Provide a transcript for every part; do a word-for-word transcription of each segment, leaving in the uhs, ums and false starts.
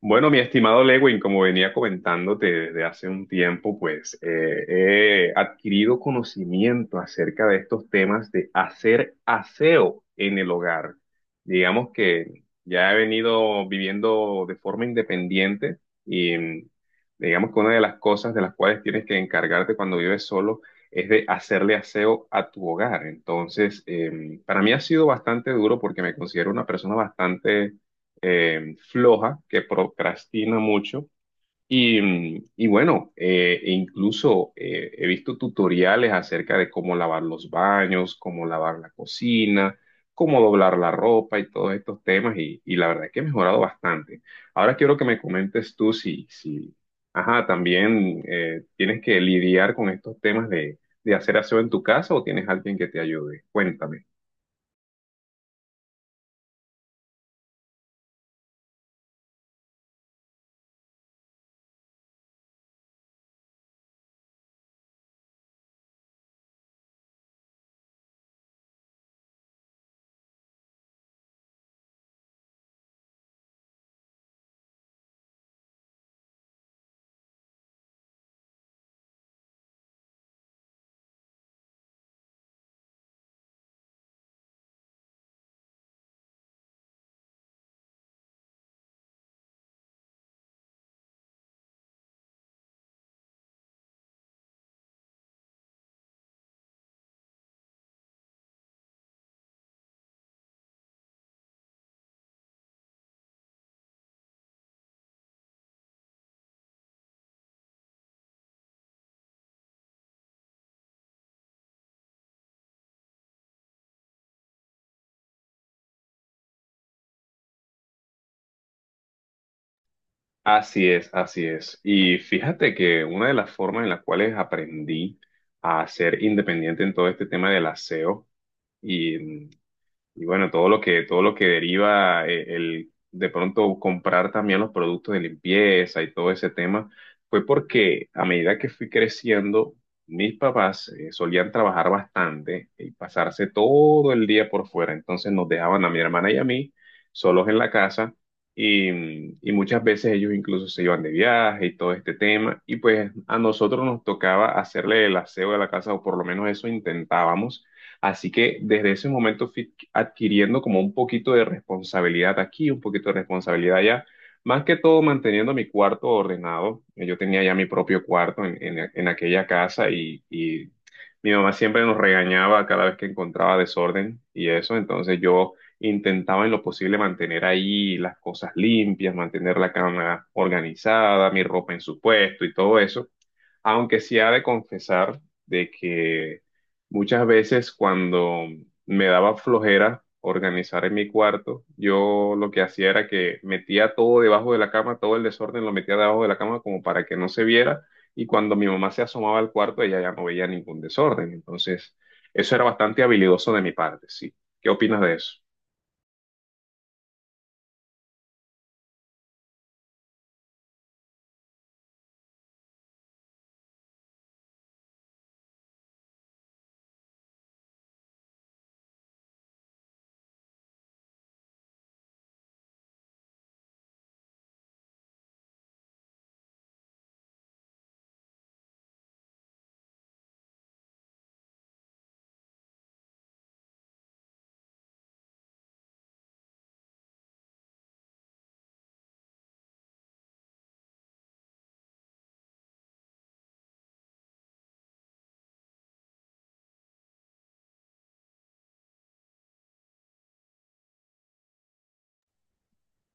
Bueno, mi estimado Lewin, como venía comentándote desde hace un tiempo, pues eh, he adquirido conocimiento acerca de estos temas de hacer aseo en el hogar. Digamos que ya he venido viviendo de forma independiente y mm, digamos que una de las cosas de las cuales tienes que encargarte cuando vives solo es de hacerle aseo a tu hogar. Entonces, em, para mí ha sido bastante duro porque me considero una persona bastante eh, floja, que procrastina mucho. Y, mm, y bueno, eh, e incluso eh, he visto tutoriales acerca de cómo lavar los baños, cómo lavar la cocina, cómo doblar la ropa y todos estos temas. Y, y la verdad es que he mejorado bastante. Ahora quiero que me comentes tú si, si, ajá, también eh, tienes que lidiar con estos temas de, de hacer aseo en tu casa o tienes alguien que te ayude. Cuéntame. Así es, así es. Y fíjate que una de las formas en las cuales aprendí a ser independiente en todo este tema del aseo y y bueno, todo lo que, todo lo que deriva eh, el de pronto comprar también los productos de limpieza y todo ese tema, fue porque a medida que fui creciendo, mis papás eh, solían trabajar bastante y pasarse todo el día por fuera. Entonces nos dejaban a mi hermana y a mí solos en la casa y, mm, y muchas veces ellos incluso se iban de viaje y todo este tema. Y pues a nosotros nos tocaba hacerle el aseo de la casa o por lo menos eso intentábamos. Así que desde ese momento fui adquiriendo como un poquito de responsabilidad aquí, un poquito de responsabilidad allá. Más que todo manteniendo mi cuarto ordenado. Eh, Yo tenía ya mi propio cuarto en, en- en aquella casa y, y mi mamá siempre nos regañaba cada vez que encontraba desorden y eso. Entonces yo intentaba en lo posible mantener ahí las cosas limpias, mantener la cama organizada, mi ropa en su puesto y todo eso. Aunque sí ha de confesar de que muchas veces cuando me daba flojera organizar en mi cuarto, yo lo que hacía era que metía todo debajo de la cama, todo el desorden lo metía debajo de la cama como para que no se viera y cuando mi mamá se asomaba al cuarto ella ya no veía ningún desorden. Entonces, eso era bastante habilidoso de mi parte, sí. ¿Qué opinas de eso?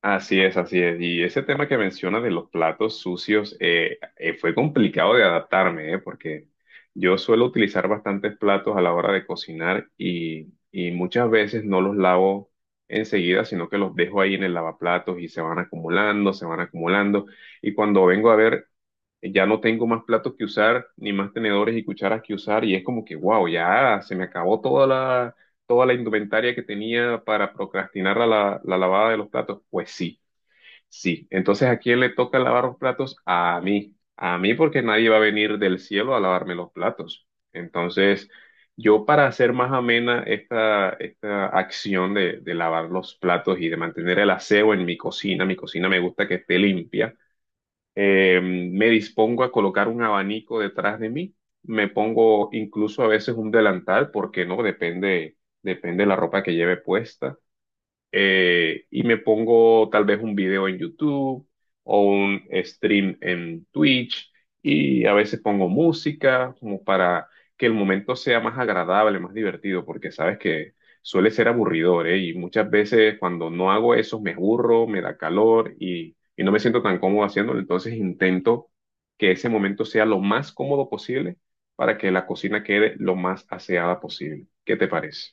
Así es, así es. Y ese tema que mencionas de los platos sucios eh, eh, fue complicado de adaptarme, eh, porque yo suelo utilizar bastantes platos a la hora de cocinar y, y muchas veces no los lavo enseguida, sino que los dejo ahí en el lavaplatos y se van acumulando, se van acumulando. Y cuando vengo a ver, eh, ya no tengo más platos que usar, ni más tenedores y cucharas que usar, y es como que, wow, ya se me acabó toda la... toda la indumentaria que tenía para procrastinar la la- la lavada de los platos, pues sí, sí, entonces ¿a quién le toca lavar los platos? A mí, a mí porque nadie va a venir del cielo a lavarme los platos. Entonces, yo para hacer más amena esta, esta acción de, de lavar los platos y de mantener el aseo en mi cocina, mi cocina me gusta que esté limpia, eh, me dispongo a colocar un abanico detrás de mí, me pongo incluso a veces un delantal, porque no, depende, depende de la ropa que lleve puesta eh, y me pongo tal vez un video en YouTube o un stream en Twitch y a veces pongo música como para que el momento sea más agradable, más divertido, porque sabes que suele ser aburridor, ¿eh? Y muchas veces cuando no hago eso me aburro, me da calor y, y no me siento tan cómodo haciéndolo, entonces intento que ese momento sea lo más cómodo posible para que la cocina quede lo más aseada posible. ¿Qué te parece?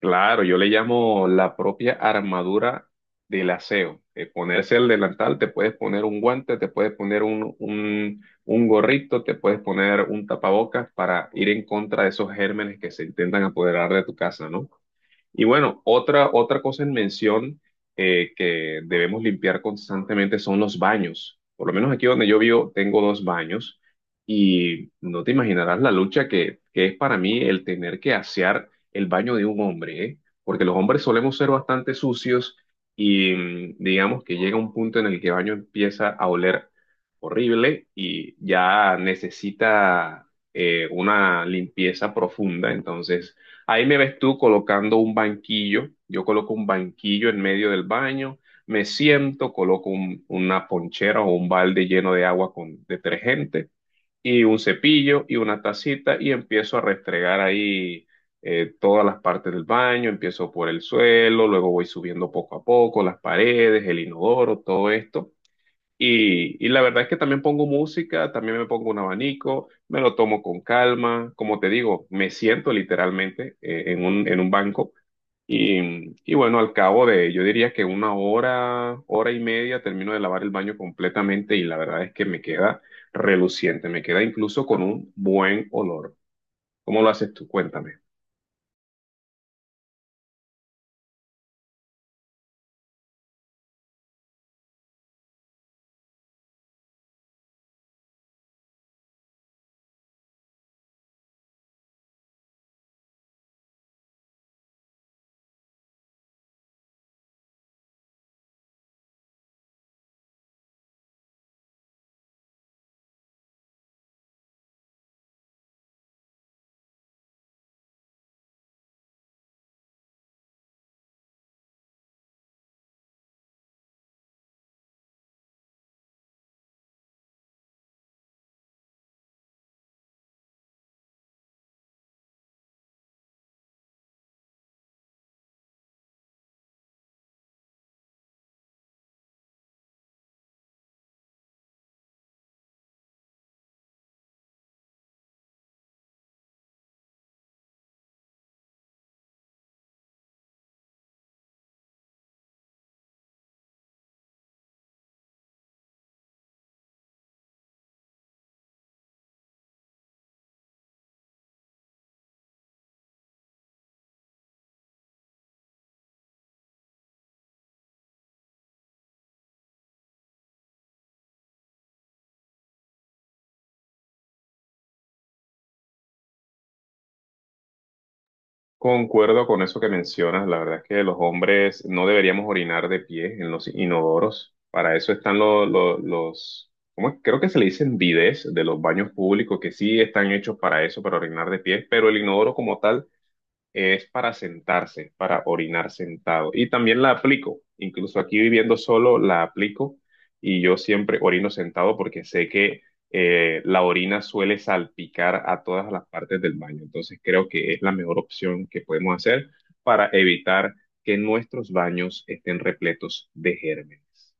Claro, yo le llamo la propia armadura del aseo. Eh, ponerse el delantal, te puedes poner un guante, te puedes poner un, un, un gorrito, te puedes poner un tapabocas para ir en contra de esos gérmenes que se intentan apoderar de tu casa, ¿no? Y bueno, otra, otra cosa en mención eh, que debemos limpiar constantemente son los baños. Por lo menos aquí donde yo vivo tengo dos baños y no te imaginarás la lucha que, que es para mí el tener que asear el baño de un hombre, ¿eh? Porque los hombres solemos ser bastante sucios y mm, digamos que llega un punto en el que el baño empieza a oler horrible y ya necesita eh, una limpieza profunda. Entonces ahí me ves tú colocando un banquillo. Yo coloco un banquillo en medio del baño, me siento, coloco un- una ponchera o un balde lleno de agua con detergente y un cepillo y una tacita y empiezo a restregar ahí eh, todas las partes del baño. Empiezo por el suelo, luego voy subiendo poco a poco las paredes, el inodoro, todo esto. Y, y la verdad es que también pongo música, también me pongo un abanico, me lo tomo con calma, como te digo, me siento literalmente eh, en un, en un banco y, y bueno, al cabo de, yo diría que una hora, hora y media termino de lavar el baño completamente y la verdad es que me queda reluciente, me queda incluso con un buen olor. ¿Cómo lo haces tú? Cuéntame. Concuerdo con eso que mencionas. La verdad es que los hombres no deberíamos orinar de pie en los inodoros. Para eso están lo- lo- los, ¿cómo es? Creo que se le dicen bidés de los baños públicos que sí están hechos para eso, para orinar de pie, pero el inodoro como tal es para sentarse, para orinar sentado. Y también la aplico, incluso aquí viviendo solo, la aplico y yo siempre orino sentado porque sé que eh, la orina suele salpicar a todas las partes del baño. Entonces creo que es la mejor opción que podemos hacer para evitar que nuestros baños estén repletos de gérmenes.